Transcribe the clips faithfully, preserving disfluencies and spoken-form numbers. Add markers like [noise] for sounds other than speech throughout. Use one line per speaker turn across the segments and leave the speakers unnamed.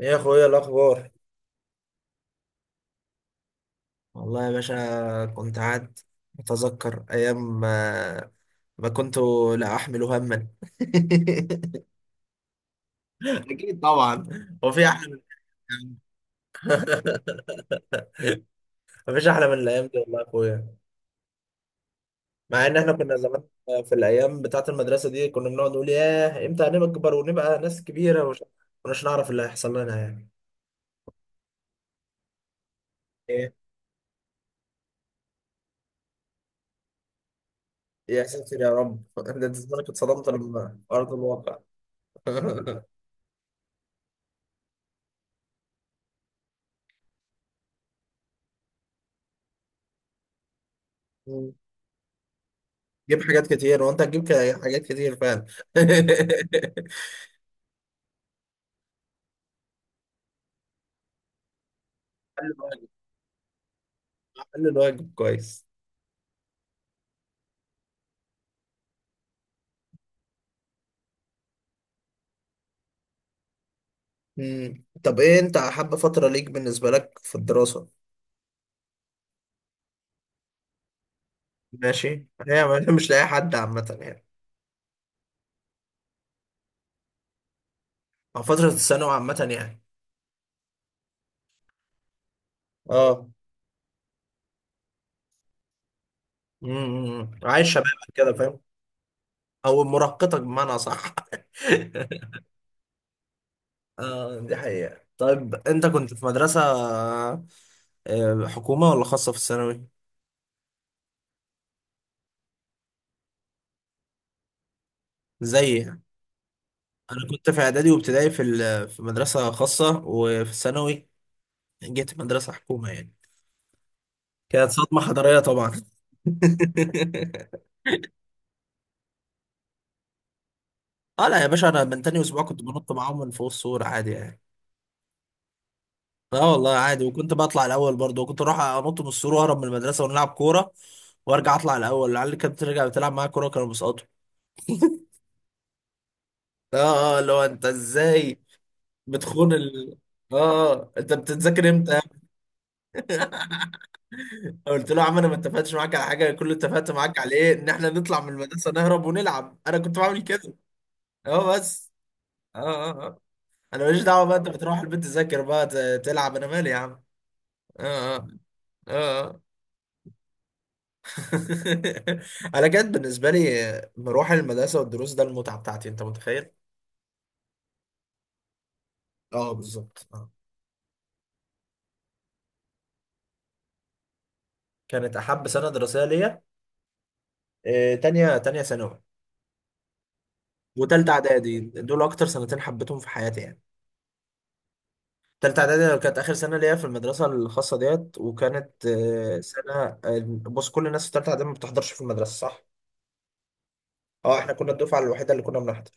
ايه يا اخويا، إيه الاخبار؟ والله يا باشا كنت قاعد اتذكر ايام ما ما كنت لا احمل هما [laughs] اكيد طبعا. هو في احلى من [laughs] مفيش احلى من الايام دي والله يا اخويا. مع ان احنا كنا زمان في الايام بتاعه المدرسه دي كنا بنقعد نقول ياه، امتى هنكبر ونبقى ناس كبيره، ومش مش نعرف اللي هيحصل لنا يعني. ايه؟ يا ساتر يا رب [laughs] ده أنت زمانك اتصدمت لما ارض الواقع. [laughs] جيب حاجات كتير، وانت هتجيب ك- حاجات كتير فعلا. [laughs] حل الواجب حل الواجب كويس. مم. طب ايه انت حابة فترة ليك بالنسبة لك في الدراسة؟ ماشي، هي [laughs] مش لاقي حد عامة يعني. او فترة الثانوي عامة يعني. اه. امم عايش شبابك، كده فاهم. او مراهقتك بمعنى، صح. [laughs] اه، دي حقيقة. طيب انت كنت في مدرسة آه، حكومة ولا خاصة في الثانوي؟ زي انا كنت في اعدادي وابتدائي في ال- في مدرسه خاصه، وفي الثانوي جيت مدرسه حكومه يعني. كانت صدمه حضاريه طبعا. [laughs] اه لا يا باشا، انا من تاني اسبوع كنت بنط معاهم من فوق السور عادي يعني. اه والله عادي، وكنت بطلع الاول برضه، وكنت اروح انط من السور واهرب من المدرسه ونلعب كوره، وارجع اطلع الاول. العيال اللي كانت بترجع بتلعب معايا كوره كانوا بيسقطوا. اه اه، اللي هو انت ازاي بتخون ال... اه آه، انت بتتذاكر امتى؟ قلت له يا عم، انا ما اتفقتش معاك على حاجه. كل اللي اتفقت معاك على ايه؟ ان احنا نطلع من المدرسه نهرب ونلعب. انا كنت بعمل كده. اه بس. اه اه اه، انا ماليش دعوه بقى. انت بتروح البيت تذاكر بقى ت- تلعب، انا مالي يا عم؟ اه اه اه آه. [laughs] انا كانت بالنسبه لي مروح المدرسه والدروس ده المتعه بتاعتي، انت متخيل؟ اه بالظبط، اه. كانت احب سنه دراسيه ليا، آه، تانية تانية ثانوي. وتالتة اعدادي دول اكتر سنتين حبيتهم في حياتي يعني. تالتة إعدادي كانت آخر سنة ليا في المدرسة الخاصة ديت، وكانت آه، سنة آه، بص، كل الناس في تالتة إعدادي ما بتحضرش في المدرسة، صح؟ أه، إحنا كنا الدفعة الوحيدة اللي كنا بنحضر.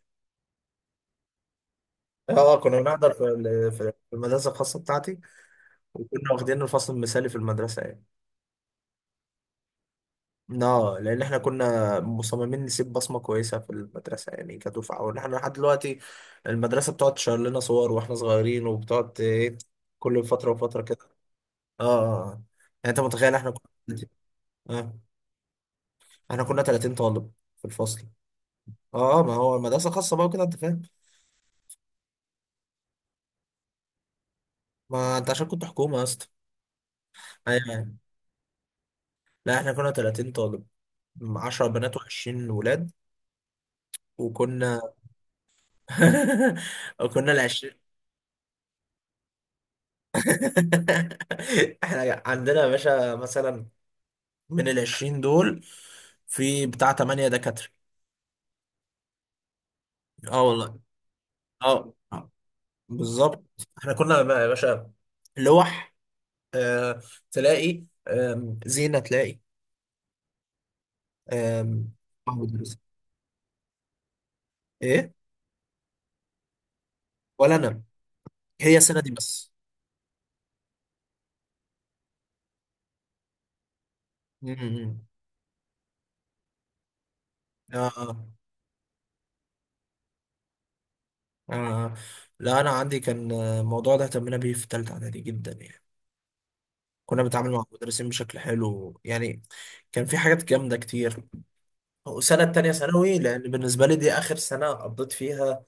أه كنا بنحضر في ال- في المدرسة الخاصة بتاعتي. وكنا واخدين الفصل المثالي في المدرسة يعني. أه لأن إحنا كنا مصممين نسيب بصمة كويسة في المدرسة يعني كدفعة. وإن إحنا لحد دلوقتي المدرسة بتقعد تشير لنا صور وإحنا صغيرين، وبتقعد إيه، كل فترة وفترة كده. أه آه. آه. يعني أنت متخيل إحنا كنا آه. احنا كنا 30 طالب في الفصل. اه ما هو المدرسة خاصة بقى وكده، انت فاهم. ما انت عشان كنت حكومة يا اسطى. ايوه. لا احنا كنا 30 طالب، 10 بنات و20 ولاد، وكنا [laughs] وكنا ال العشرين [laughs] احنا عندنا يا باشا مثلا، من ال العشرين دول، في بتاع 8 دكاترة. اه والله. اه آه، بالظبط. احنا كنا بقى يا باشا لوح، آه تلاقي آم، زينة، تلاقي آم، ايه. ولا انا، هي السنه دي بس. امم آه, آه, اه لا، انا عندي كان آه، الموضوع ده اهتمينا بيه في ثالثه اعدادي جدا يعني. كنا بنتعامل مع المدرسين بشكل حلو يعني. كان في حاجات جامده كتير. وسنه تانية ثانوي، لان بالنسبه لي دي اخر سنه قضيت فيها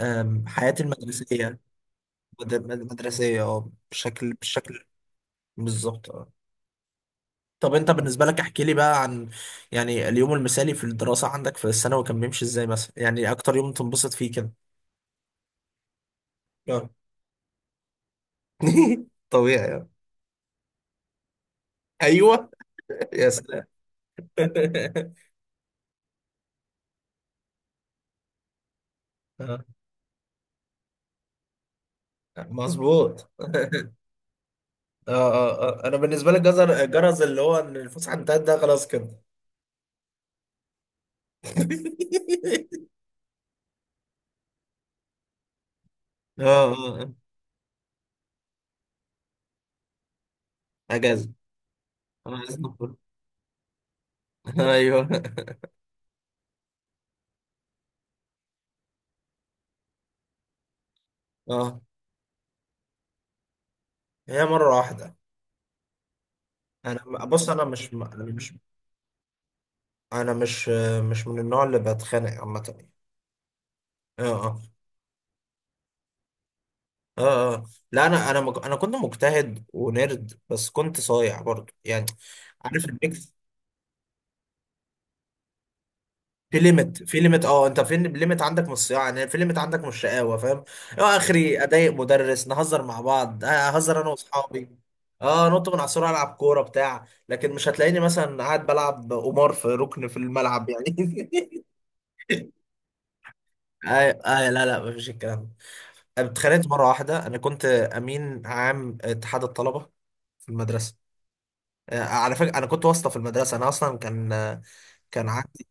آم، حياتي المدرسيه. مد- مد- مدرسيه، اه بشكل بشكل. بالظبط اه. طب انت بالنسبه لك احكي لي بقى عن، يعني اليوم المثالي في الدراسه عندك في الثانوي كان بيمشي ازاي مثلا؟ يعني اكتر يوم تنبسط فيه كده. آه. [laughs] طبيعي آه. ايوه. يا سلام. [laughs] آه، مظبوط. [laughs] اه اه اه، انا بالنسبه لي جزر جرز، اللي هو ان الفسحه انتهت ده خلاص كده. [laughs] اه اه آه. اجازه، انا عايز نخرج. [laughs] ايوه. اه. هي مره واحده. انا بص انا مش انا مش انا مش مش من النوع اللي بتخانق عامه يعني. اه اه اه اه، لا انا انا مج... انا كنت مجتهد ونرد، بس كنت صايع برضو يعني. عارف الميكس؟ في ليميت في ليميت اه، انت فين ليميت عندك من الصياعه يعني؟ في ليميت عندك من الشقاوه، فاهم؟ اه، اخري اضايق مدرس، نهزر مع بعض، اه، اهزر انا واصحابي. اه، نط من على السور، العب كوره بتاع، لكن مش هتلاقيني مثلا قاعد بلعب قمار في ركن في الملعب يعني. [laughs] آه آه لا لا، مفيش الكلام ده. اتخانقت مرة واحدة. أنا كنت أمين عام اتحاد الطلبة في المدرسة. آه، على فكرة أنا كنت واسطة في المدرسة. أنا أصلا كان آه، كان عندي،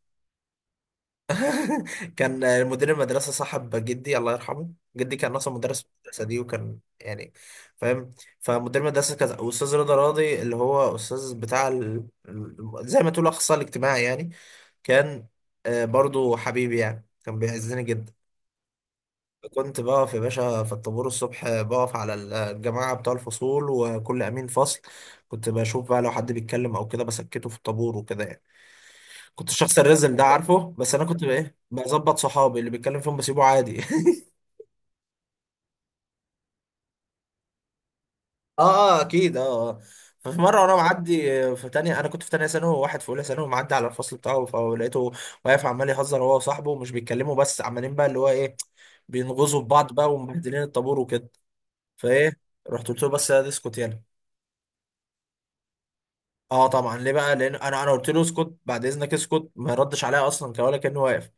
كان مدير المدرسة صاحب جدي الله يرحمه. جدي كان أصلا مدرس في المدرسة دي، وكان يعني، فاهم. فمدير المدرسة كان أستاذ رضا راضي، اللي هو أستاذ بتاع ال... ال- زي ما تقول الأخصائي الاجتماعي يعني. كان آه، برضو حبيبي يعني، كان بيعزني جدا. كنت بقف يا باشا في الطابور الصبح، بقف على الجماعة بتوع الفصول وكل أمين فصل. كنت بشوف بقى لو حد بيتكلم أو كده بسكته في الطابور وكده يعني. كنت الشخص الرزل ده، عارفه، بس انا كنت بقى ايه بظبط، صحابي اللي بيتكلم فيهم بسيبه عادي. [laughs] اه اه اكيد، اه آه. ففي مره وانا معدي آه، في تانية انا كنت في تانية ثانوي، وواحد في اولى ثانوي، معدي على الفصل بتاعه، فلقيته واقف عمال يهزر هو وصاحبه، ومش بيتكلموا بس عمالين بقى اللي هو ايه، بينغزوا في بعض بقى ومبهدلين الطابور وكده. فايه، رحت قلت له، بس يا دي اسكت، يلا. اه طبعا، ليه بقى؟ لان انا انا قلت له اسكت بعد اذنك، اسكت، ما ردش عليا اصلا، كان ولا كانه واقف.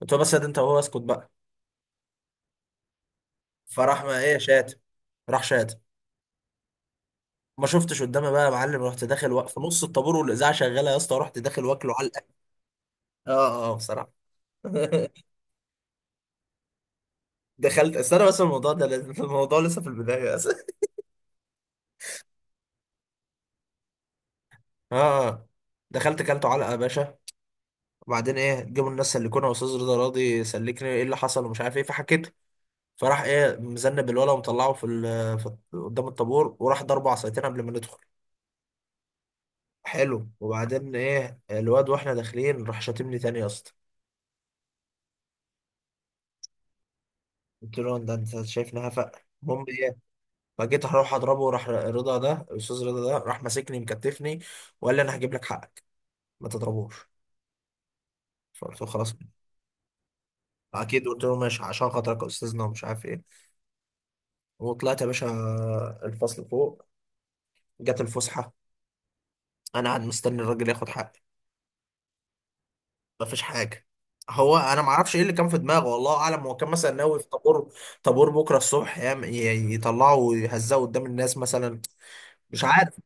قلت له بس يا دي، انت وهو اسكت بقى. فراح ما ايه شات راح شات. ما شفتش قدامي بقى يا معلم، رحت داخل، وقف في نص الطابور والاذاعه شغاله يا اسطى، رحت داخل واكله علقه. اه اه بصراحه. [laughs] دخلت استنى، بس الموضوع ده لازم- الموضوع لسه في البدايه [laughs] بس. اه اه، دخلت كلته علقه يا باشا. وبعدين ايه، جابوا الناس سلكونا، استاذ رضا راضي سلكني، ايه اللي حصل ومش عارف ايه، فحكيت. فراح ايه، مذنب الولا، ومطلعه في, ال- في قدام الطابور، وراح ضربه عصايتين قبل ما ندخل. حلو. وبعدين ايه، الواد واحنا داخلين راح شاتمني تاني يا اسطى. قلت له، ده انت شايفني هفق؟ المهم، فجيت هروح اضربه، راح رضا ده الاستاذ رضا ده راح ماسكني مكتفني، وقال لي انا هجيب لك حقك، ما تضربوش. فقلت له خلاص، اكيد قلت له ماشي عشان خاطرك يا استاذنا ومش عارف ايه. وطلعت يا باشا الفصل فوق. جت الفسحه، انا قاعد مستني الراجل ياخد حقي. مفيش حاجه. هو انا ما اعرفش ايه اللي كان في دماغه، والله اعلم، هو كان مثلا ناوي في طابور طابور بكره الصبح يعم- ي- يطلعه ويهزقه قدام الناس مثلا. مش عارف.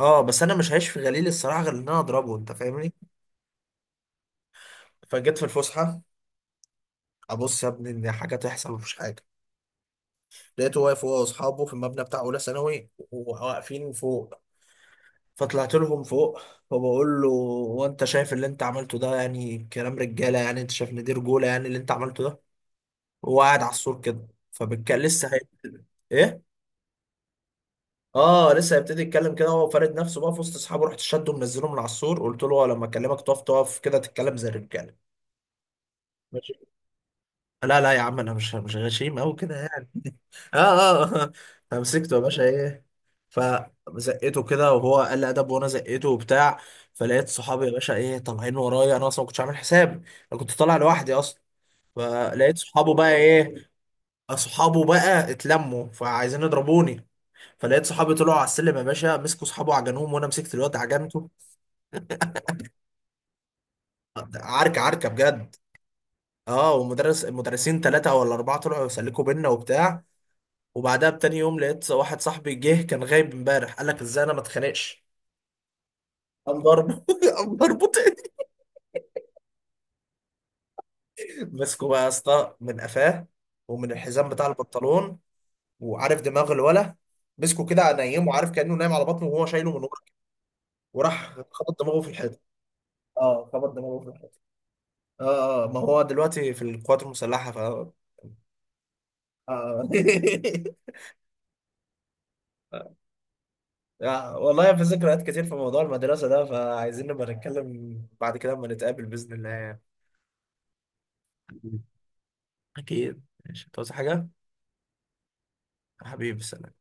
اه بس انا مش هعيش في غليل الصراحه غير ان انا اضربه، انت فاهمني؟ فجيت في الفسحه، ابص يا ابني ان حاجه تحصل، مفيش حاجه. لقيته واقف هو واصحابه في المبنى بتاع اولى ثانوي، وواقفين فوق. فطلعت لهم فوق وبقول له، هو انت شايف اللي انت عملته ده يعني كلام رجاله؟ يعني انت شايف ان دي رجوله يعني اللي انت عملته ده؟ هو قاعد على السور كده، فبالكلم لسه هي... ايه، اه، لسه هيبتدي يتكلم كده، هو فارد نفسه بقى في وسط اصحابه. رحت شده منزله من على السور، قلت له، هو لما اكلمك تقف، تقف كده تتكلم زي الرجاله. ماشي، لا لا يا عم، انا مش مش غشيم قوي كده يعني. اه اه [laughs] آه. فمسكته يا باشا، ايه، فزقته كده، وهو قال لي ادب، وانا زقته وبتاع. فلقيت صحابي يا باشا ايه طالعين ورايا، انا اصلا ما كنتش عامل حساب، انا كنت طالع لوحدي اصلا. فلقيت صحابه بقى ايه، اصحابه بقى اتلموا فعايزين يضربوني، فلقيت صحابي طلعوا على السلم يا باشا، مسكوا صحابه عجنوهم، وانا مسكت الواد عجنته. عركه عركه بجد. اه، ومدرس المدرسين ثلاثه ولا اربعه طلعوا يسلكوا بينا وبتاع. وبعدها بتاني يوم لقيت واحد صاحبي جه كان غايب امبارح قال لك، ازاي انا ما اتخانقش؟ قام ضربه [laughs] قام ضربه. مسكه بقى يا اسطى من قفاه، ومن الحزام بتاع البنطلون، وعارف دماغ الولا، مسكه كده نايم، وعارف كأنه نايم على بطنه وهو شايله من ورا، وراح خبط دماغه في الحيطة. اه خبط دماغه في الحيطة. اه اه، ما هو دلوقتي في القوات المسلحة، ف آه. [laughs] آه، والله في ذكريات كتير في موضوع المدرسة ده، فعايزين نبقى نتكلم بعد كده اما نتقابل بإذن الله يعني. أكيد، ماشي، تعوز حاجة؟ حبيبي، سلام.